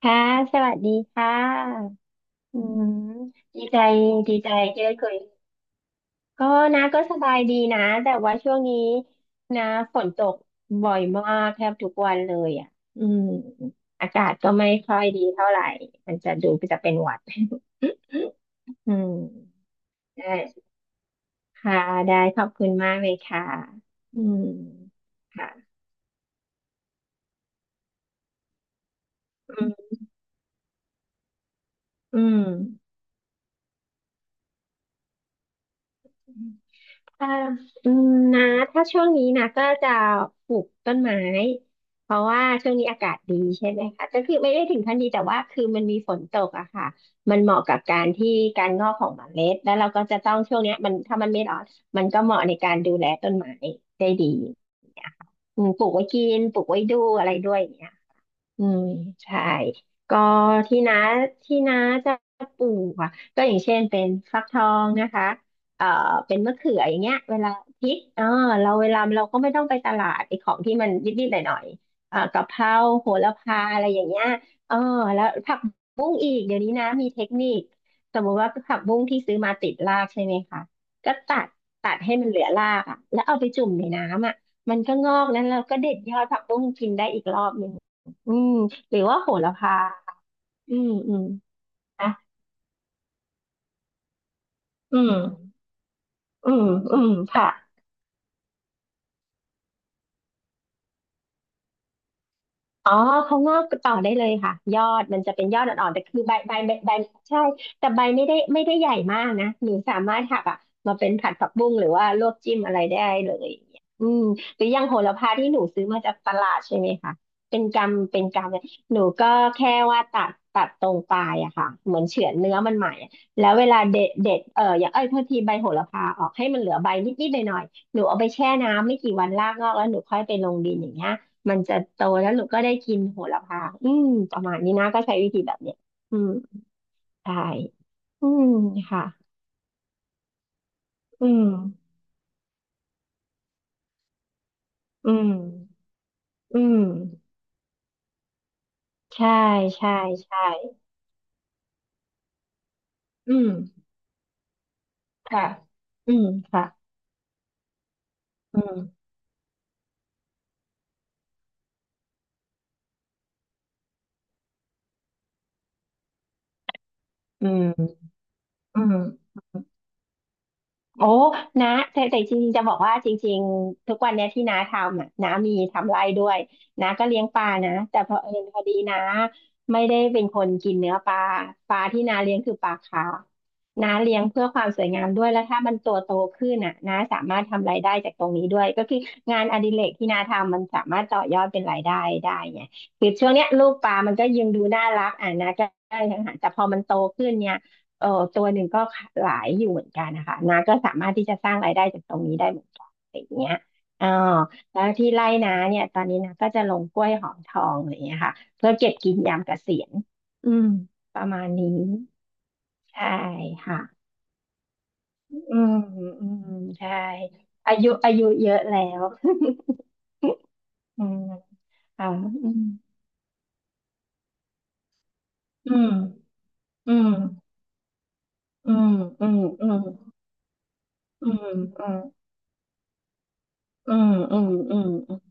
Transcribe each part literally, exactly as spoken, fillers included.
ค่ะสวัสดีค่ะอืมมดีใจ ดีใจเจอคุย ก็นะ ก็สบายดีนะ แต่ว่าช่วงนี้นะฝนตกบ่อยมากแทบทุกวันเลยอ่ะอืมอากาศก็ไม่ค่อยดีเท่าไหร่ มันจะดูจะเป็นหวัด อืมได้ค่ะได้ขอบคุณมากเลยค่ะอืมค่ะอืมอืม เอ่ออืมนะถ้าช่วงนี้นะก็จะปลูกต้นไม้ เพราะว่าช่วงนี้อากาศดีใช่ไหมคะก็คือไม่ได้ถึงขั้นดีแต่ว่าคือมันมีฝนตกอะค่ะมันเหมาะกับการที่การงอกของเมล็ดแล้วเราก็จะต้องช่วงเนี้ยมันถ้ามันไม่ร้อนมันก็เหมาะ ในการดูแลต้นไม้ได้ดีเนี่ยค่ะอืมปลูกไว้กินปลูกไว้ดูอะไรด้วยเนี่ย อืมใช่ก็ที่น้าที่น้าจะปลูกอ่ะก็อย่างเช่นเป็นฟักทองนะคะเอ่อเป็นมะเขืออย่างเงี้ยเวลาพริกเออเราเวลาเราก็ไม่ต้องไปตลาดไอ้ของที่มันนิดๆหน่อยๆเอ่อกะเพราโหระพาอะไรอย่างเงี้ยเออแล้วผักบุ้งอีกเดี๋ยวนี้นะมีเทคนิคสมมติว่าผักบุ้งที่ซื้อมาติดรากใช่ไหมคะก็ตัดตัดให้มันเหลือรากอ่ะแล้วเอาไปจุ่มในน้ำอ่ะมันก็งอกแล้วเราก็เด็ดยอดผักบุ้งกินได้อีกรอบหนึ่ง อืมหรือว่าโหระพาอืมอืมนะอืมอืมอืมค่ะ อ๋อเขางอกต่อได้เลยค่ะยอดมันจะเป็นยอดอ่อนๆแต่คือใบใบใบใบใช่แต่ใบไม่ได้ไม่ได้ใหญ่มากนะหนูสามารถหักอ่ะมาเป็นผัดผักบุ้งหรือว่าลวกจิ้มอะไรได้เลยอย่างเงี้ยอืมหรืออย่างโหระพาที่หนูซื้อมาจากตลาดใช่ไหมคะเป็นกำเป็นกำเนี่ยหนูก็แค่ว่าตัดตัดตรงปลายอะค่ะเหมือนเฉือนเนื้อมันใหม่อะแล้วเวลาเด็ดเด็ดเอออย่างเอ้ยโทษทีใบโหระพาออกให้มันเหลือใบนิดๆหน่อยๆหนูเอาไปแช่น้ำไม่กี่วันรากงอกแล้วหนูค่อยไปลงดินอย่างเงี้ย มันจะโตแล้วหนูก็ได้กินโหระพาอืมประมาณนี้นะก็ใช้วิธีแบบเนี้ยอืมใช่อืมค่ะอืมอืมอืมใช่ใช่ใช่อืมค่ะอืมค่ะอืมอืมอืม โอ้นะแต่แต่จริงๆจะบอกว่าจริงๆทุกวันเนี้ยที่น้าทำอ่ะน้ามีทำไร่ด้วยน้าก็เลี้ยงปลานะแต่พอเผอิญพอดีน้าไม่ได้เป็นคนกินเนื้อปลา ปลาที่น้าเลี้ยงคือปลาคาร์ฟน้าเลี้ยงเพื่อความสวยงามด้วยแล้วถ้ามันตัวโตขึ้นอ่ะน้าสามารถทำรายได้จากตรงนี้ด้วยก็คืองานอดิเรกที่น้าทำมันสามารถต่อยอดเป็นรายได้ได้ไงคือช่วงเนี้ยลูกปลามันก็ยังดูน่ารักอ่ะน้าก็ได้ทางหาแต่พอมันโตขึ้นเนี่ย เออตัวหนึ่งก็หลายอยู่เหมือนกันนะคะนาก็สามารถที่จะสร้างรายได้จากตรงนี้ได้เหมือนกันอะไรอย่างเงี้ยอ่าแล้วที่ไร่นาเนี่ยตอนนี้นาก็จะลงกล้วยหอมทองอะไรอย่างเงี้ยค่ะเพื่อเก็บกินยามเกษียณอืมประมาณนี้ใช่ค่ะอืมอืมใช่อายุอายุเยอะแล้ว อืมค่ะอืมอืมอืมอืมอืมอืมอืมอืมอืมอืมอืมอืม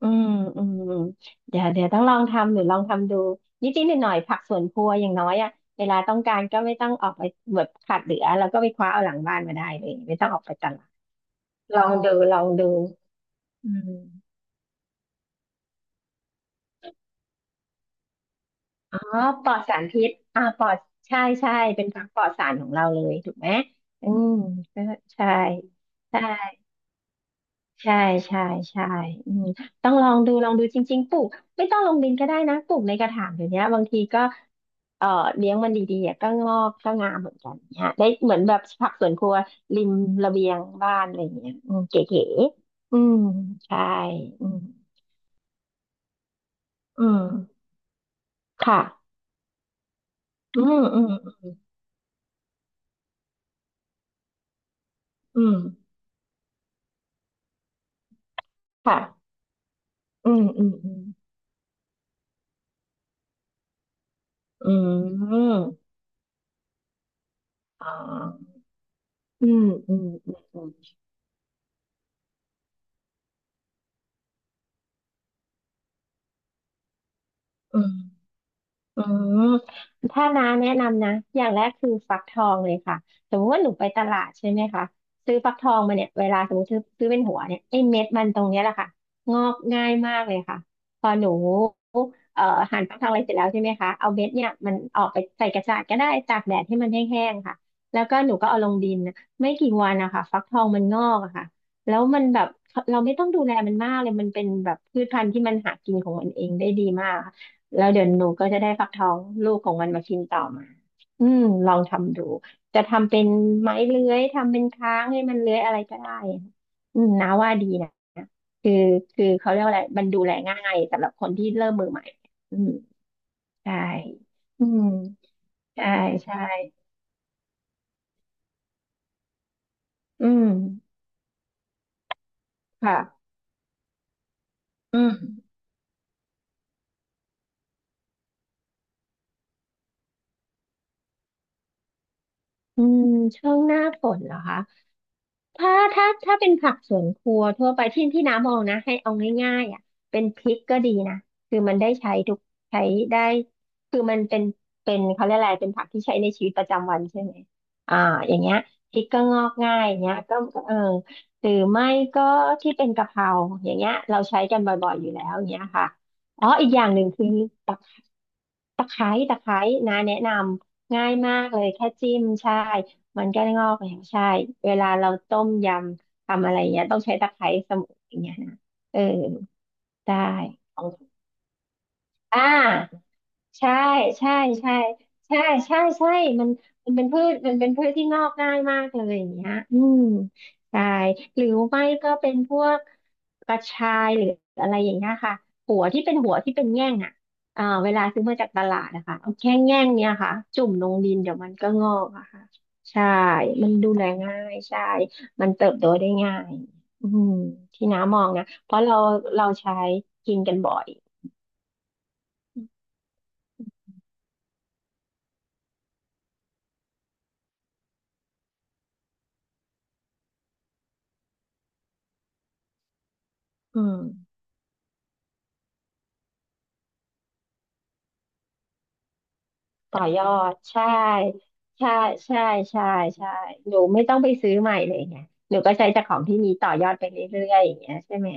อืมอืมอืมเดี๋ยวเดี๋ยวต้องลองทำหรือลองทำดูนิดนิดหน่อยหน่อยผักสวนครัวอย่างน้อยอะเวลาต้องการก็ไม่ต้องออกไปแบบขาดเหลือแล้วก็ไปคว้าเอาหลังบ้านมาได้เลยไม่ต้องออกไปตลาดลองดูลองดูอืมอ๋อปลอดสารพิษอ่าปลอดใช่ใช่เป็นผักปลอดสารของเราเลยถูกไหมอืมใช่ใช่ ใช่ใช่ใช่อืมต้องลองดูลองดูจริงๆปลูกไม่ต้องลงดินก็ได้นะปลูกในกระถางเดี๋ยวนี้บางทีก็เอ่อเลี้ยงมันดีๆอะก็งอกก็งามเหมือนกันเนี่ยได้เหมือนแบบผักสวนครัวริมระเบียงบ้านอะไรอย่างเงี้ยอืมเก๋ๆอืมใช่อืมอืมค่ะอืมอืมอืมค่ะอืมอืมอืมอืมอ๋ออืมอืมอืมอืม อืมถ้าน้าแนะนำนะอย่างแรกคือฟักทองเลยค่ะสมมติว่าหนูไปตลาดใช่ไหมคะซื้อฟักทองมาเนี่ยเวลาสมมติซื้อซื้อเป็นหัวเนี่ยไอ้เม็ดมันตรงเนี้ยแหละค่ะงอกง่ายมากเลยค่ะพอหนูเอ่อหั่นฟักทองอะไรเสร็จแล้วใช่ไหมคะเอาเม็ดเนี่ยมันออกไปใส่กระจาดก็ได้ตากแดดให้มันแห้งๆค่ะแล้วก็หนูก็เอาลงดินนะไม่กี่วันนะคะฟักทองมันงอกอะค่ะแล้วมันแบบเราไม่ต้องดูแลมันมากเลยมันเป็นแบบพืชพันธุ์ที่มันหากินของมันเองได้ดีมาก แล้วเดี๋ยวหนูก็จะได้ฟักทองลูกของมันมากินต่อมาอืมลองทำดูจะทำเป็นไม้เลื้อยทำเป็นค้างให้มันเลื้อยอะไรก็ได้อะอืมนาว่าดีนะคือคือเขาเรียกว่าอะไรมันดูแลง่ายสำหรับคนที่เริ่มมือใหม่อืมใช่อืมใช่ใช่ อืมค่ะ อืมอืมช่วงหน้าฝนเหรอคะ ถ้าถ้าถ้าเป็นผักสวนครัวทั่วไปที่ที่น้ำมองนะให้เอาง่ายๆอ่ะเป็นพริกก็ดีนะคือมันได้ใช้ทุกใช้ได้คือมันเป็นเป็นเขาเรียกอะไรเป็นผักที่ใช้ในชีวิตประจำวันใช่ไหมอ่าอย่างเงี้ยพริกก็งอกง่ายอย่างเงี้ยก็เออหรือไม่ก็ที่เป็นกะเพราอย่างเงี้ยเราใช้กันบ่อยๆอยู่แล้วอย่างเงี้ยค่ะอ๋ออีกอย่างหนึ่งคือตะไคร้ตะไคร้ตะไคร้นะแนะนำง่ายมากเลยแค่จิ้มใช่ มันก็งอกอย่างใช่ เวลาเราต้มยำทำอะไรเงี้ยต้องใช้ตะไคร้เสมุนอย่างเงี้ยนะเออได้ของอ่า ใช่ใช่ใช่ใช่ใช่ใช่ มันมันเป็นพืชมันเป็นพืชที่งอกง่ายมากเลยอย่างเงี้ยอืมใช่หรือไม่ก็เป็นพวกกระชายหรืออะไรอย่างเงี้ยค่ะหัวที่เป็นหัวที่เป็นแง่งอ่ะอ่าเวลาซื้อมาจากตลาดนะคะเอาแค่แง่งเนี่ยค่ะจุ่มลงดินเดี๋ยวมันก็งอกอะค่ะใช่มันดูแลง่ายใช่มันเติบโตได้ง่ายอืมที่น้ามองนะเพราะเราเราใช้กินกันบ่อยอืม ต่อยอดใช่ใช่ใช่ใช่ใช่หนูไม่ต้องไปซื้อใหม่เลยไงหนูก็ใช้จากของที่มีต่อยอดไปเรื่อยๆอย่างเงี้ยใช่ไหม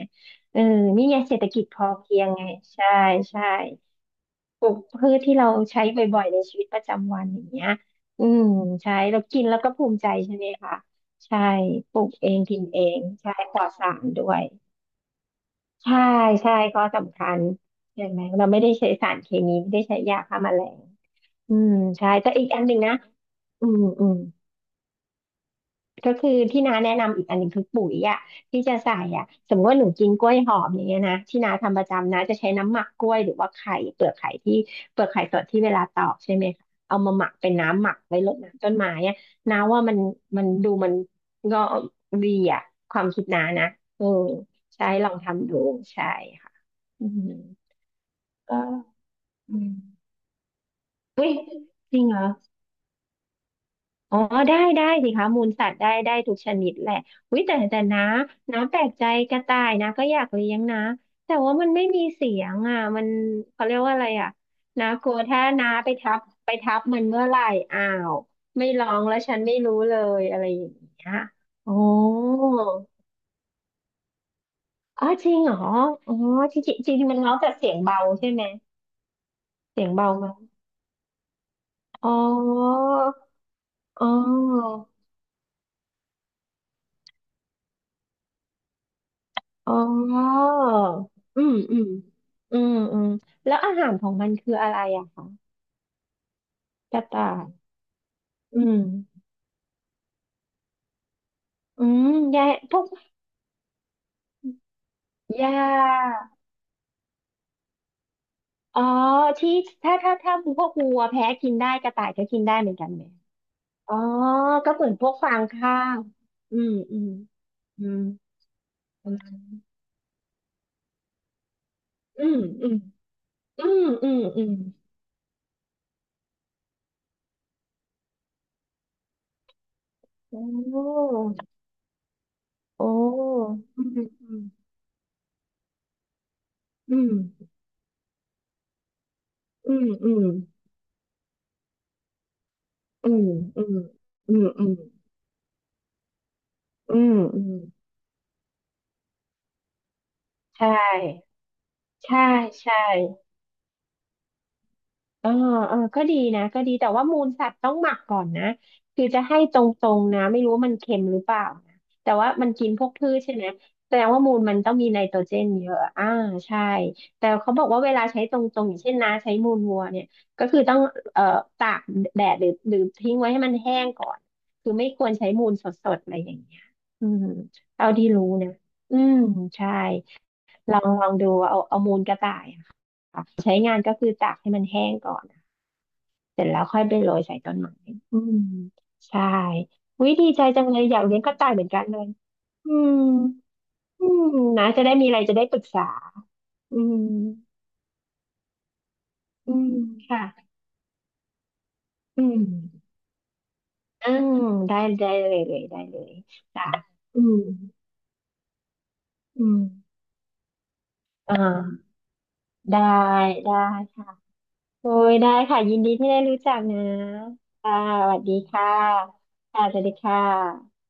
เออนี่ไงเศรษฐกิจพอเพียงไงใช่ใช่ปลูกพืชที่เราใช้บ่อยๆในชีวิตประจำวันอย่างเงี้ยอืมใช่เรากินแล้วก็ภูมิใจใช่ไหมคะใช่ปลูกเองกินเองใช่ปลอดสารด้วย ใช่ใช่ก็สำคัญเห็นไหมเราไม่ได้ใช้สารเคมีไม่ได้ใช้ยาฆ่าแมลงอืมใช่แต่อีกอันหนึ่งนะอืมอืม ก็คือที่น้าแนะนำอีกอันหนึงคือปุ๋ยอ่ะที่จะใส่อ่ะสมมติว่าหนูกินกล้วยหอมอย่างเงี้ยนะที่น้าทำประจำนะจะใช้น้ำหมักกล้วยหรือว่าไข่เปลือกไข่ที่เปลือกไข่สดที่เวลาตอกใช่ไหมคะเอามาหมักเป็นน้ำหมักไว้รดน้ำต้นไม้อ่ะน้าว่ามันมันดูมันก็ดีอ่ะความคิดน้านะเออใช่ลองทำดูใช่ค่ะอืมก็ก็อืมอุ้ยจริงเหรอ อ๋อได้ได้สิคะมูลสัตว์ได้ได้ทุกชนิดแหละวยแต่แต่นะน้าแปลกใจกระต่ายนะก็อยากเลี้ยงนะแต่ว่ามันไม่มีเสียงอ่ะมันเขาเรียกว่าอะไรอ่ะนากลัวถ้านาไปทับไปทับมันเมื่อไหร่อ้าวไม่ร้องแล้วฉันไม่รู้เลยอะไรอย่างเงี้ยโอ้อ๋อจริงเหรออ๋อจริงๆจริงๆมันร้องแต่เสียงเบาใช่ไหมเสียงเบาไหมอ๋ออ๋อ อ๋ออืมอืมอืมอืมแล้วอาหารของมันคืออะไรอะคะกระต่ายอืมอืมแย่พวกหญ้าอ๋อที่ถ้าถ้าถ้าพวกวัวแพ้กินได้กระต่ายก็กินได้เหมือนกันไหมอ๋อก็เหมือนพวกฟางข้าวอืมอืมอืมอืมอืมอืมอืมอืมอืมโอ้โอ้อืมอืมอืมอืมอืม อืมอืมอืมอืมอืมอืมใช่ใช่ใช่ เออเออก็ดีนะก็ดีแต่ว่ามูลสัตว์ต้องหมักก่อนนะคือจะให้ตรงๆนะไม่รู้ว่ามันเค็มหรือเปล่านะแต่ว่ามันกินพวกพืชใช่ไหมแสดงว่ามูลมันต้องมีไนโตรเจนเยอะอ่าใช่แต่เขาบอกว่าเวลาใช้ตรงๆอย่างเช่นนะใช้มูลวัวเนี่ยก็คือต้องเอ่อตากแดดหรือหรือทิ้งไว้ให้มันแห้งก่อนคือไม่ควรใช้มูลสดๆอะไรอย่างเงี้ยอืมเท่าที่รู้นะอืมใช่ ลองลองดูเอาเอามูลกระต่ายอะค่ะใช้งานก็คือตากให้มันแห้งก่อน เสร็จแล้วค่อยไปโรยใส่ต้นไม้อืมใช่ วิดีใจจังเลยอยากเลี้ยงกระต่ายเหมือนกันเลยอืมอืมนะจะได้มีอะไรจะได้ปรึกษาอืมอืมค่ะอืมอืมได้ได้เลยเลยได้เลยจ้ะอืมอืมอ่าได้ได้ค่ะ โอ้ยได้ค่ะ ยินดีที่ได้รู้จักนะค่ะสวัสดีค่ะค่ะสวัสดีค่ะ